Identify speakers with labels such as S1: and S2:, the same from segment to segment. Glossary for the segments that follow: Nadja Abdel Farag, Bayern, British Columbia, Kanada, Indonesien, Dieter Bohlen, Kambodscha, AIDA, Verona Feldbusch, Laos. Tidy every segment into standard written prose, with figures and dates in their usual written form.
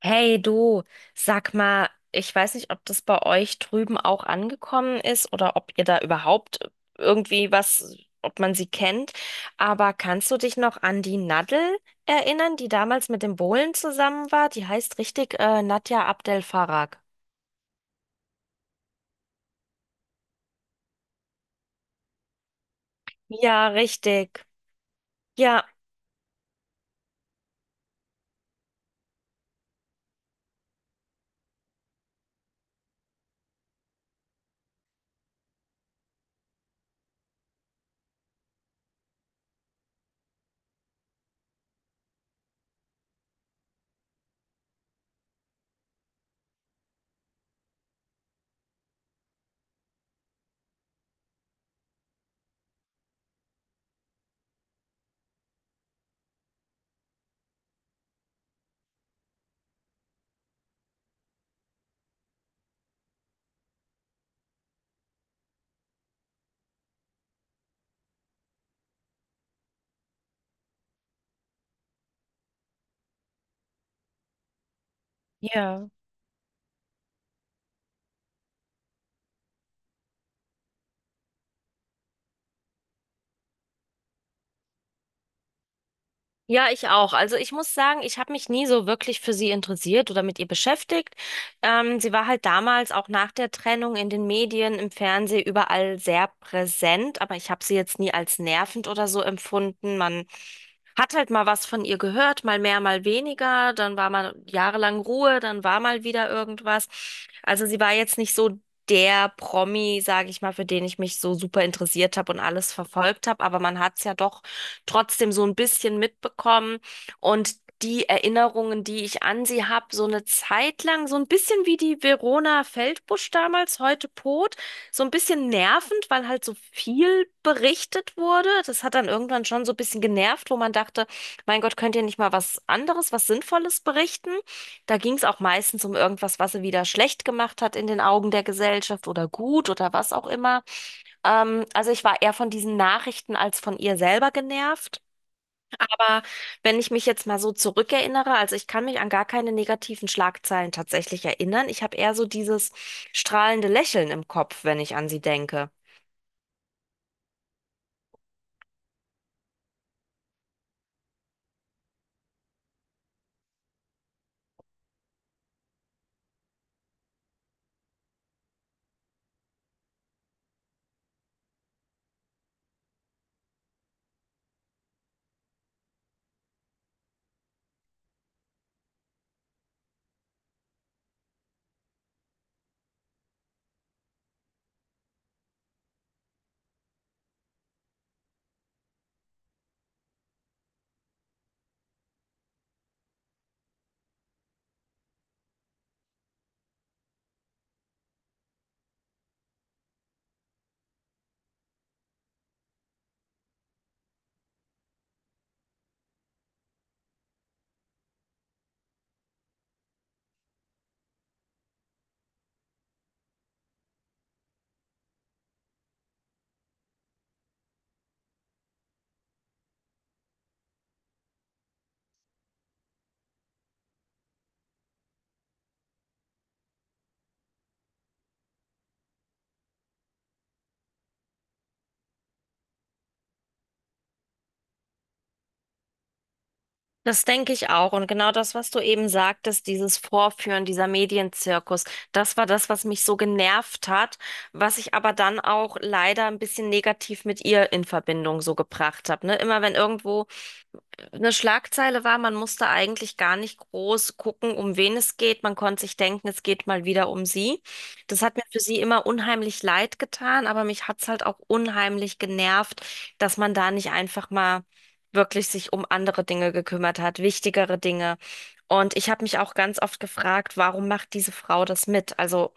S1: Hey du, sag mal, ich weiß nicht, ob das bei euch drüben auch angekommen ist oder ob ihr da überhaupt irgendwie was, ob man sie kennt, aber kannst du dich noch an die Nadel erinnern, die damals mit dem Bohlen zusammen war? Die heißt richtig Nadja Abdel Farag. Ja, richtig. Ja. Ja. Ja, ich auch. Also ich muss sagen, ich habe mich nie so wirklich für sie interessiert oder mit ihr beschäftigt. Sie war halt damals auch nach der Trennung in den Medien, im Fernsehen überall sehr präsent, aber ich habe sie jetzt nie als nervend oder so empfunden. Man hat halt mal was von ihr gehört, mal mehr, mal weniger. Dann war mal jahrelang Ruhe, dann war mal wieder irgendwas. Also sie war jetzt nicht so der Promi, sage ich mal, für den ich mich so super interessiert habe und alles verfolgt habe, aber man hat es ja doch trotzdem so ein bisschen mitbekommen und die Erinnerungen, die ich an sie habe, so eine Zeit lang, so ein bisschen wie die Verona Feldbusch damals, heute Pot, so ein bisschen nervend, weil halt so viel berichtet wurde. Das hat dann irgendwann schon so ein bisschen genervt, wo man dachte, mein Gott, könnt ihr nicht mal was anderes, was Sinnvolles berichten? Da ging es auch meistens um irgendwas, was sie wieder schlecht gemacht hat in den Augen der Gesellschaft oder gut oder was auch immer. Also ich war eher von diesen Nachrichten als von ihr selber genervt. Aber wenn ich mich jetzt mal so zurückerinnere, also ich kann mich an gar keine negativen Schlagzeilen tatsächlich erinnern. Ich habe eher so dieses strahlende Lächeln im Kopf, wenn ich an sie denke. Das denke ich auch. Und genau das, was du eben sagtest, dieses Vorführen, dieser Medienzirkus, das war das, was mich so genervt hat, was ich aber dann auch leider ein bisschen negativ mit ihr in Verbindung so gebracht habe. Ne? Immer wenn irgendwo eine Schlagzeile war, man musste eigentlich gar nicht groß gucken, um wen es geht. Man konnte sich denken, es geht mal wieder um sie. Das hat mir für sie immer unheimlich leid getan, aber mich hat es halt auch unheimlich genervt, dass man da nicht einfach mal wirklich sich um andere Dinge gekümmert hat, wichtigere Dinge. Und ich habe mich auch ganz oft gefragt, warum macht diese Frau das mit? Also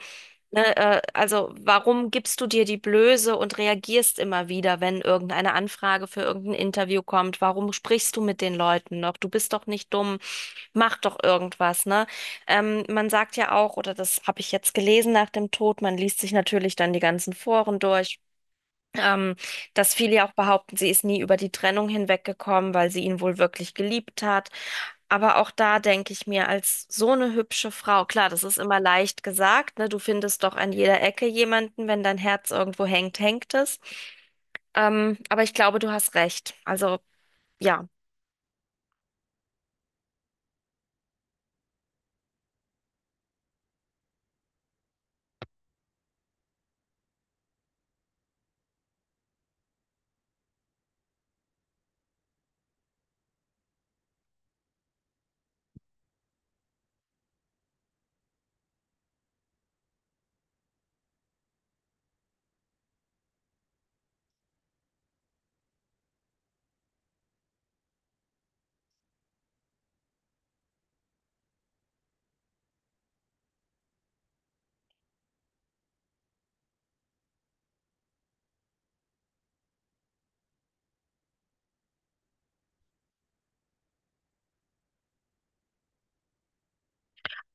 S1: ne, also warum gibst du dir die Blöße und reagierst immer wieder, wenn irgendeine Anfrage für irgendein Interview kommt? Warum sprichst du mit den Leuten noch? Du bist doch nicht dumm, mach doch irgendwas, ne? Man sagt ja auch, oder das habe ich jetzt gelesen nach dem Tod, man liest sich natürlich dann die ganzen Foren durch. Ähm, Dass viele ja auch behaupten, sie ist nie über die Trennung hinweggekommen, weil sie ihn wohl wirklich geliebt hat. Aber auch da denke ich mir, als so eine hübsche Frau, klar, das ist immer leicht gesagt, ne? Du findest doch an jeder Ecke jemanden, wenn dein Herz irgendwo hängt, hängt es. Aber ich glaube, du hast recht. Also ja,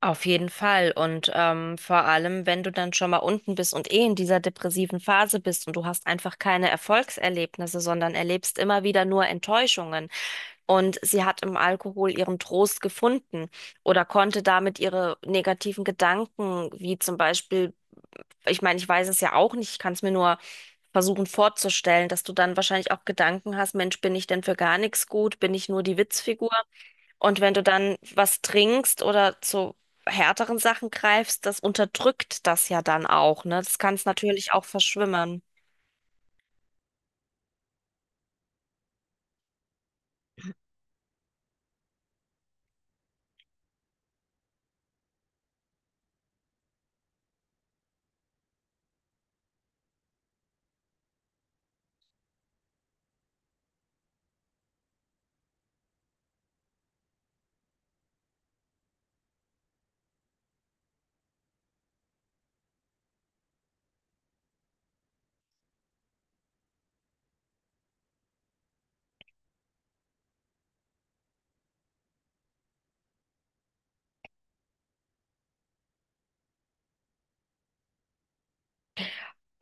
S1: auf jeden Fall. Und vor allem, wenn du dann schon mal unten bist und eh in dieser depressiven Phase bist und du hast einfach keine Erfolgserlebnisse, sondern erlebst immer wieder nur Enttäuschungen. Und sie hat im Alkohol ihren Trost gefunden oder konnte damit ihre negativen Gedanken, wie zum Beispiel, ich meine, ich weiß es ja auch nicht, ich kann es mir nur versuchen vorzustellen, dass du dann wahrscheinlich auch Gedanken hast, Mensch, bin ich denn für gar nichts gut? Bin ich nur die Witzfigur? Und wenn du dann was trinkst oder zu härteren Sachen greifst, das unterdrückt das ja dann auch, ne? Das kann es natürlich auch verschwimmen.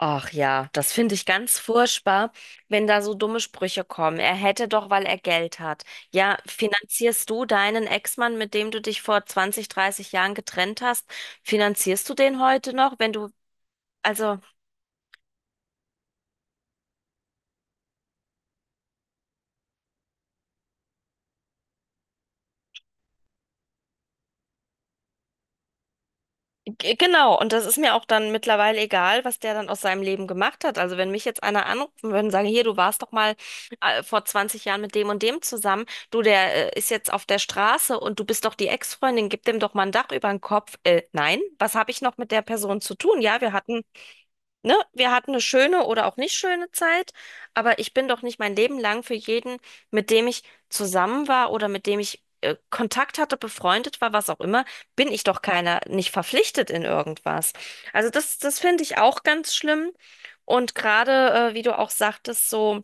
S1: Ach ja, das finde ich ganz furchtbar, wenn da so dumme Sprüche kommen. Er hätte doch, weil er Geld hat. Ja, finanzierst du deinen Ex-Mann, mit dem du dich vor 20, 30 Jahren getrennt hast, finanzierst du den heute noch, wenn du, also. Genau, und das ist mir auch dann mittlerweile egal, was der dann aus seinem Leben gemacht hat. Also wenn mich jetzt einer anrufen würde und sagen, hier, du warst doch mal vor 20 Jahren mit dem und dem zusammen, du, der ist jetzt auf der Straße und du bist doch die Ex-Freundin, gib dem doch mal ein Dach über den Kopf. Nein, was habe ich noch mit der Person zu tun? Ja, wir hatten ne, wir hatten eine schöne oder auch nicht schöne Zeit, aber ich bin doch nicht mein Leben lang für jeden, mit dem ich zusammen war oder mit dem ich Kontakt hatte, befreundet war, was auch immer, bin ich doch keiner, nicht verpflichtet in irgendwas. Also das, das finde ich auch ganz schlimm. Und gerade, wie du auch sagtest, so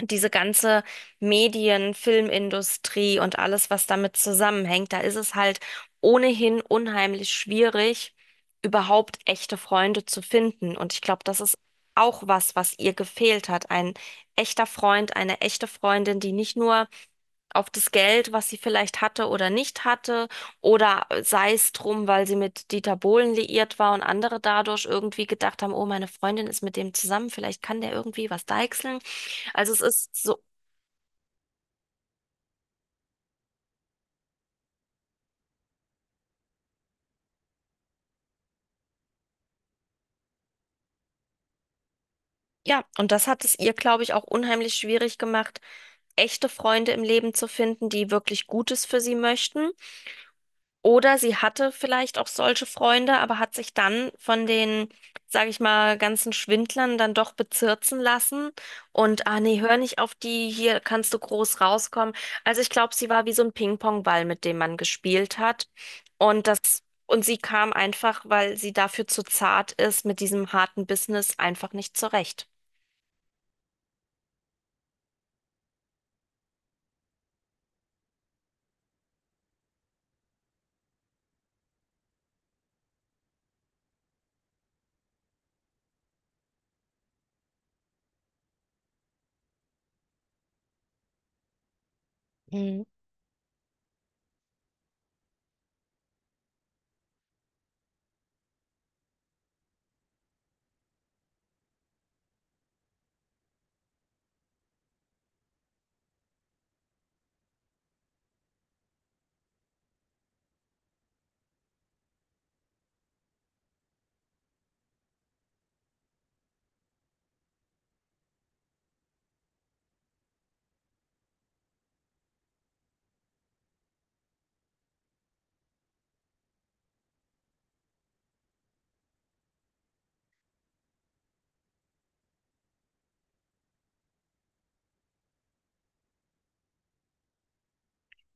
S1: diese ganze Medien, Filmindustrie und alles, was damit zusammenhängt, da ist es halt ohnehin unheimlich schwierig, überhaupt echte Freunde zu finden. Und ich glaube, das ist auch was, was ihr gefehlt hat. Ein echter Freund, eine echte Freundin, die nicht nur auf das Geld, was sie vielleicht hatte oder nicht hatte, oder sei es drum, weil sie mit Dieter Bohlen liiert war und andere dadurch irgendwie gedacht haben, oh, meine Freundin ist mit dem zusammen, vielleicht kann der irgendwie was deichseln. Also es ist so, ja, und das hat es ihr, glaube ich, auch unheimlich schwierig gemacht, echte Freunde im Leben zu finden, die wirklich Gutes für sie möchten. Oder sie hatte vielleicht auch solche Freunde, aber hat sich dann von den, sage ich mal, ganzen Schwindlern dann doch bezirzen lassen. Und, ah nee, hör nicht auf die, hier kannst du groß rauskommen. Also ich glaube, sie war wie so ein Ping-Pong-Ball, mit dem man gespielt hat. Und das, und sie kam einfach, weil sie dafür zu zart ist, mit diesem harten Business einfach nicht zurecht. Mhm.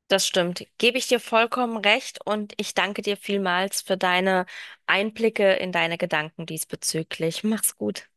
S1: Das stimmt. Gebe ich dir vollkommen recht und ich danke dir vielmals für deine Einblicke in deine Gedanken diesbezüglich. Mach's gut.